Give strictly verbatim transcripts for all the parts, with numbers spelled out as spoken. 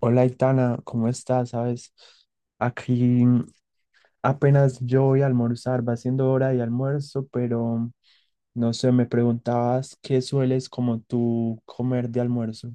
Hola, Itana, ¿cómo estás? ¿Sabes? Aquí apenas yo voy a almorzar, va siendo hora de almuerzo, pero no sé, me preguntabas qué sueles como tú comer de almuerzo.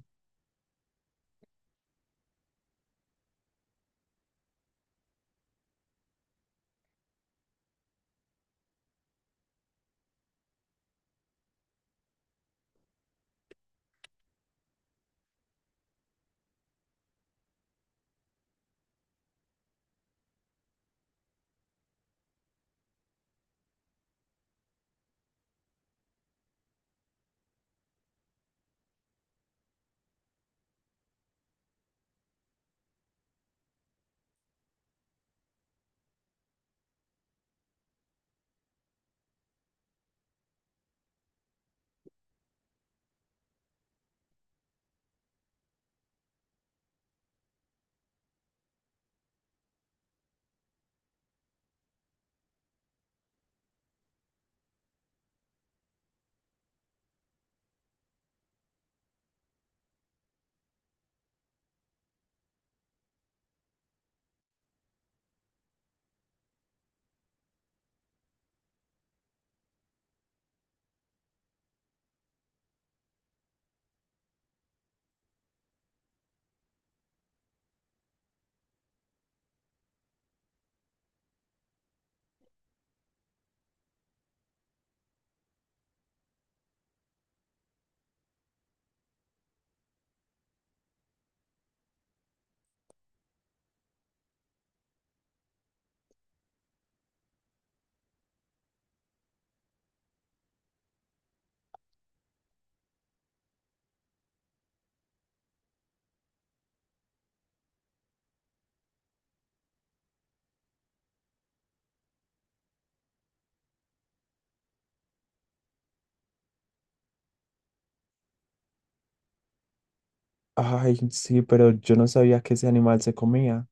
Ay, sí, pero yo no sabía que ese animal se comía.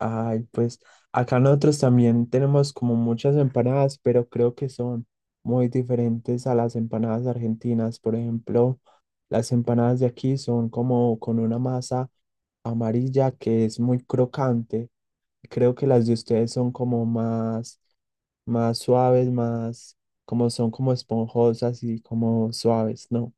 Ay, pues acá nosotros también tenemos como muchas empanadas, pero creo que son muy diferentes a las empanadas argentinas. Por ejemplo, las empanadas de aquí son como con una masa amarilla que es muy crocante. Creo que las de ustedes son como más, más suaves, más, como son como esponjosas y como suaves, ¿no?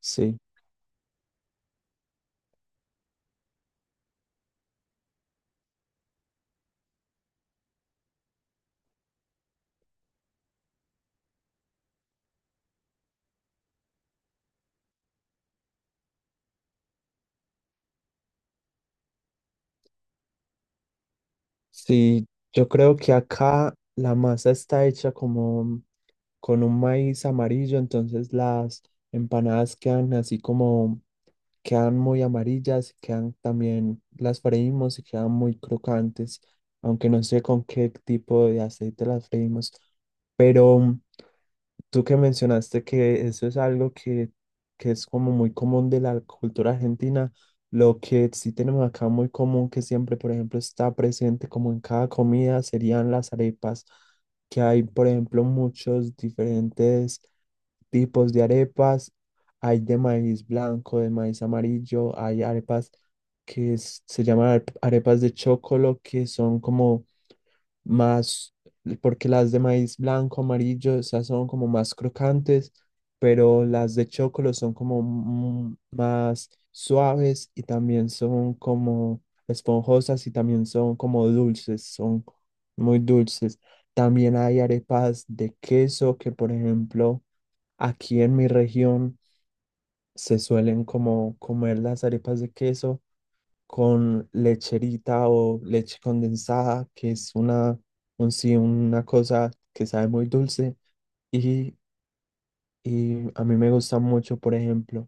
Sí, sí, yo creo que acá la masa está hecha como con un maíz amarillo, entonces las empanadas quedan así como, quedan muy amarillas, y quedan también, las freímos y quedan muy crocantes, aunque no sé con qué tipo de aceite las freímos, pero... Tú que mencionaste que eso es algo que, que es como muy común de la cultura argentina, lo que sí tenemos acá muy común, que siempre, por ejemplo, está presente como en cada comida, serían las arepas, que hay, por ejemplo, muchos diferentes tipos de arepas. Hay de maíz blanco, de maíz amarillo, hay arepas que es- se llaman arep- arepas de chocolo, que son como más, porque las de maíz blanco, amarillo, esas son como más crocantes, pero las de chocolo son como mm, más suaves y también son como esponjosas y también son como dulces, son muy dulces. También hay arepas de queso que, por ejemplo, aquí en mi región se suelen como comer las arepas de queso con lecherita o leche condensada, que es una, un, sí, una cosa que sabe muy dulce y, y a mí me gusta mucho, por ejemplo.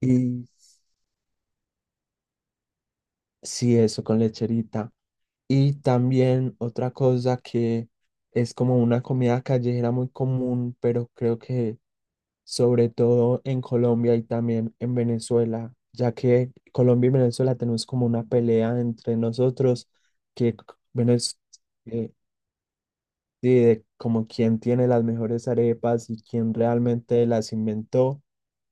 Y sí, eso con lecherita. Y también otra cosa que es como una comida callejera muy común, pero creo que sobre todo en Colombia y también en Venezuela, ya que Colombia y Venezuela tenemos como una pelea entre nosotros que Venezuela sí, de como quién tiene las mejores arepas y quién realmente las inventó,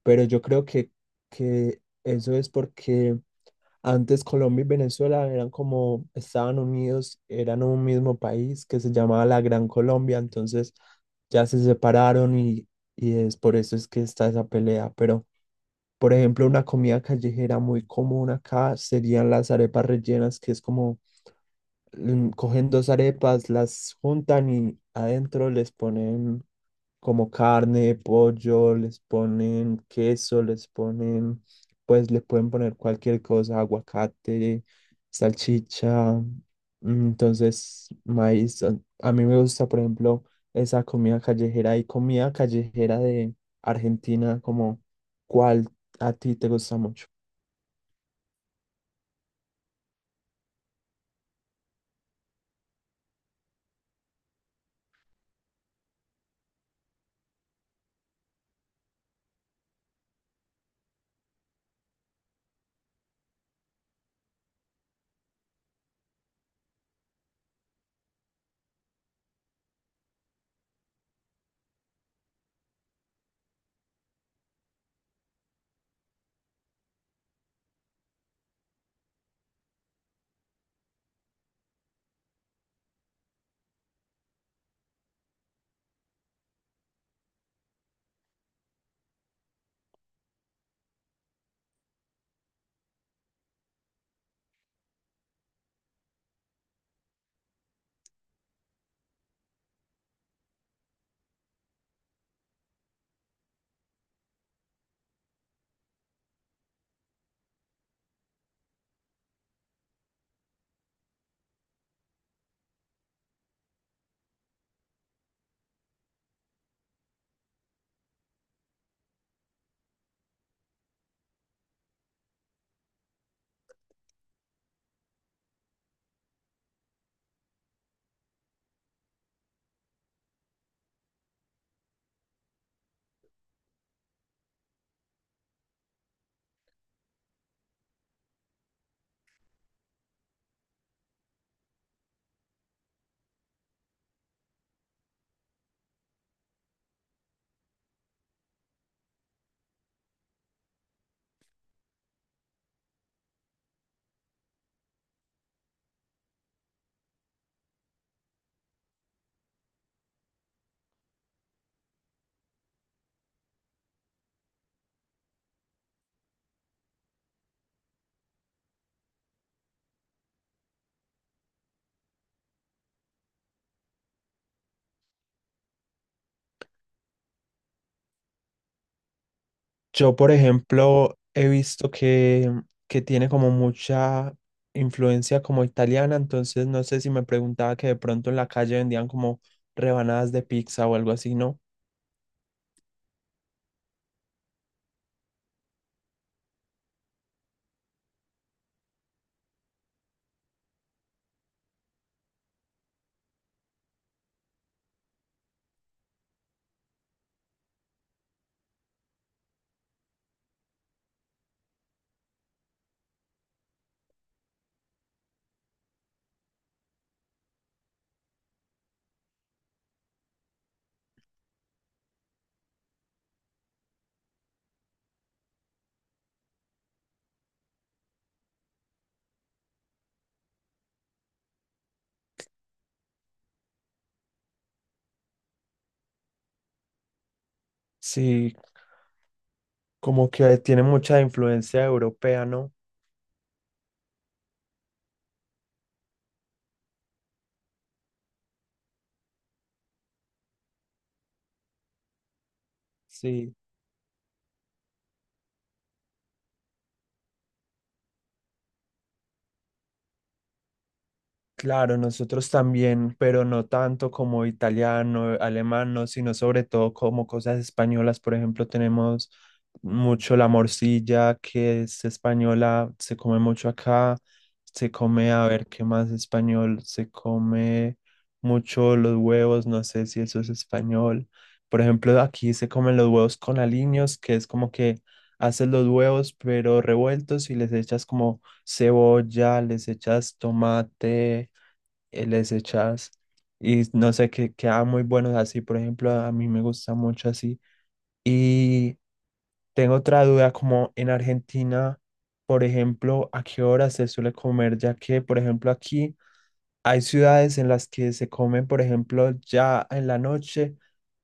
pero yo creo que, que eso es porque antes Colombia y Venezuela eran como, estaban unidos, eran un mismo país que se llamaba la Gran Colombia, entonces ya se separaron y, y es por eso es que está esa pelea, pero por ejemplo una comida callejera muy común acá serían las arepas rellenas, que es como mm, cogen dos arepas, las juntan y adentro les ponen como carne, pollo, les ponen queso, les ponen, pues le pueden poner cualquier cosa, aguacate, salchicha, mm, entonces maíz. A a mí me gusta, por ejemplo, esa comida callejera y comida callejera de Argentina, como cuál a ti te gusta mucho. Yo, por ejemplo, he visto que, que tiene como mucha influencia como italiana, entonces no sé si me preguntaba que de pronto en la calle vendían como rebanadas de pizza o algo así, ¿no? Sí, como que tiene mucha influencia europea, ¿no? Sí. Claro, nosotros también, pero no tanto como italiano, alemán, no, sino sobre todo como cosas españolas. Por ejemplo, tenemos mucho la morcilla, que es española, se come mucho acá. Se come, a ver, ¿qué más español? Se come mucho los huevos, no sé si eso es español. Por ejemplo, aquí se comen los huevos con aliños, que es como que haces los huevos, pero revueltos y les echas como cebolla, les echas tomate eh, les echas y no sé, que queda muy buenos así, por ejemplo, a mí me gusta mucho así. Y tengo otra duda, como en Argentina, por ejemplo, ¿a qué hora se suele comer? Ya que, por ejemplo, aquí... Hay ciudades en las que se comen, por ejemplo, ya en la noche,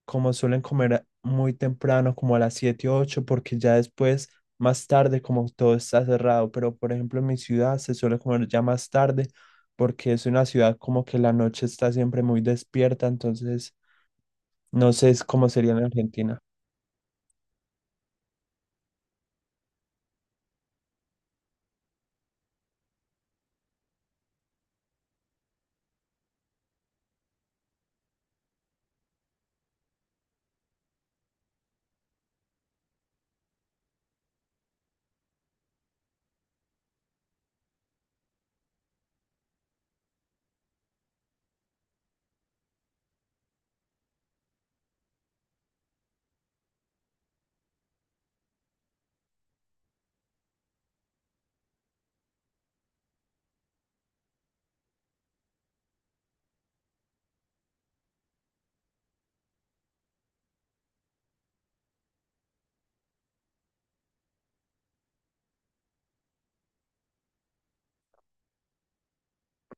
como suelen comer muy temprano, como a las siete o ocho, porque ya después, más tarde, como todo está cerrado. Pero, por ejemplo, en mi ciudad se suele comer ya más tarde, porque es una ciudad como que la noche está siempre muy despierta. Entonces, no sé es cómo sería en Argentina.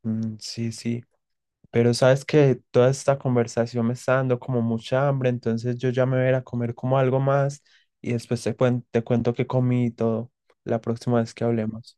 Mm, sí, sí. Pero sabes que toda esta conversación me está dando como mucha hambre, entonces yo ya me voy a ir a comer como algo más y después te cuen- te cuento que comí y todo la próxima vez que hablemos.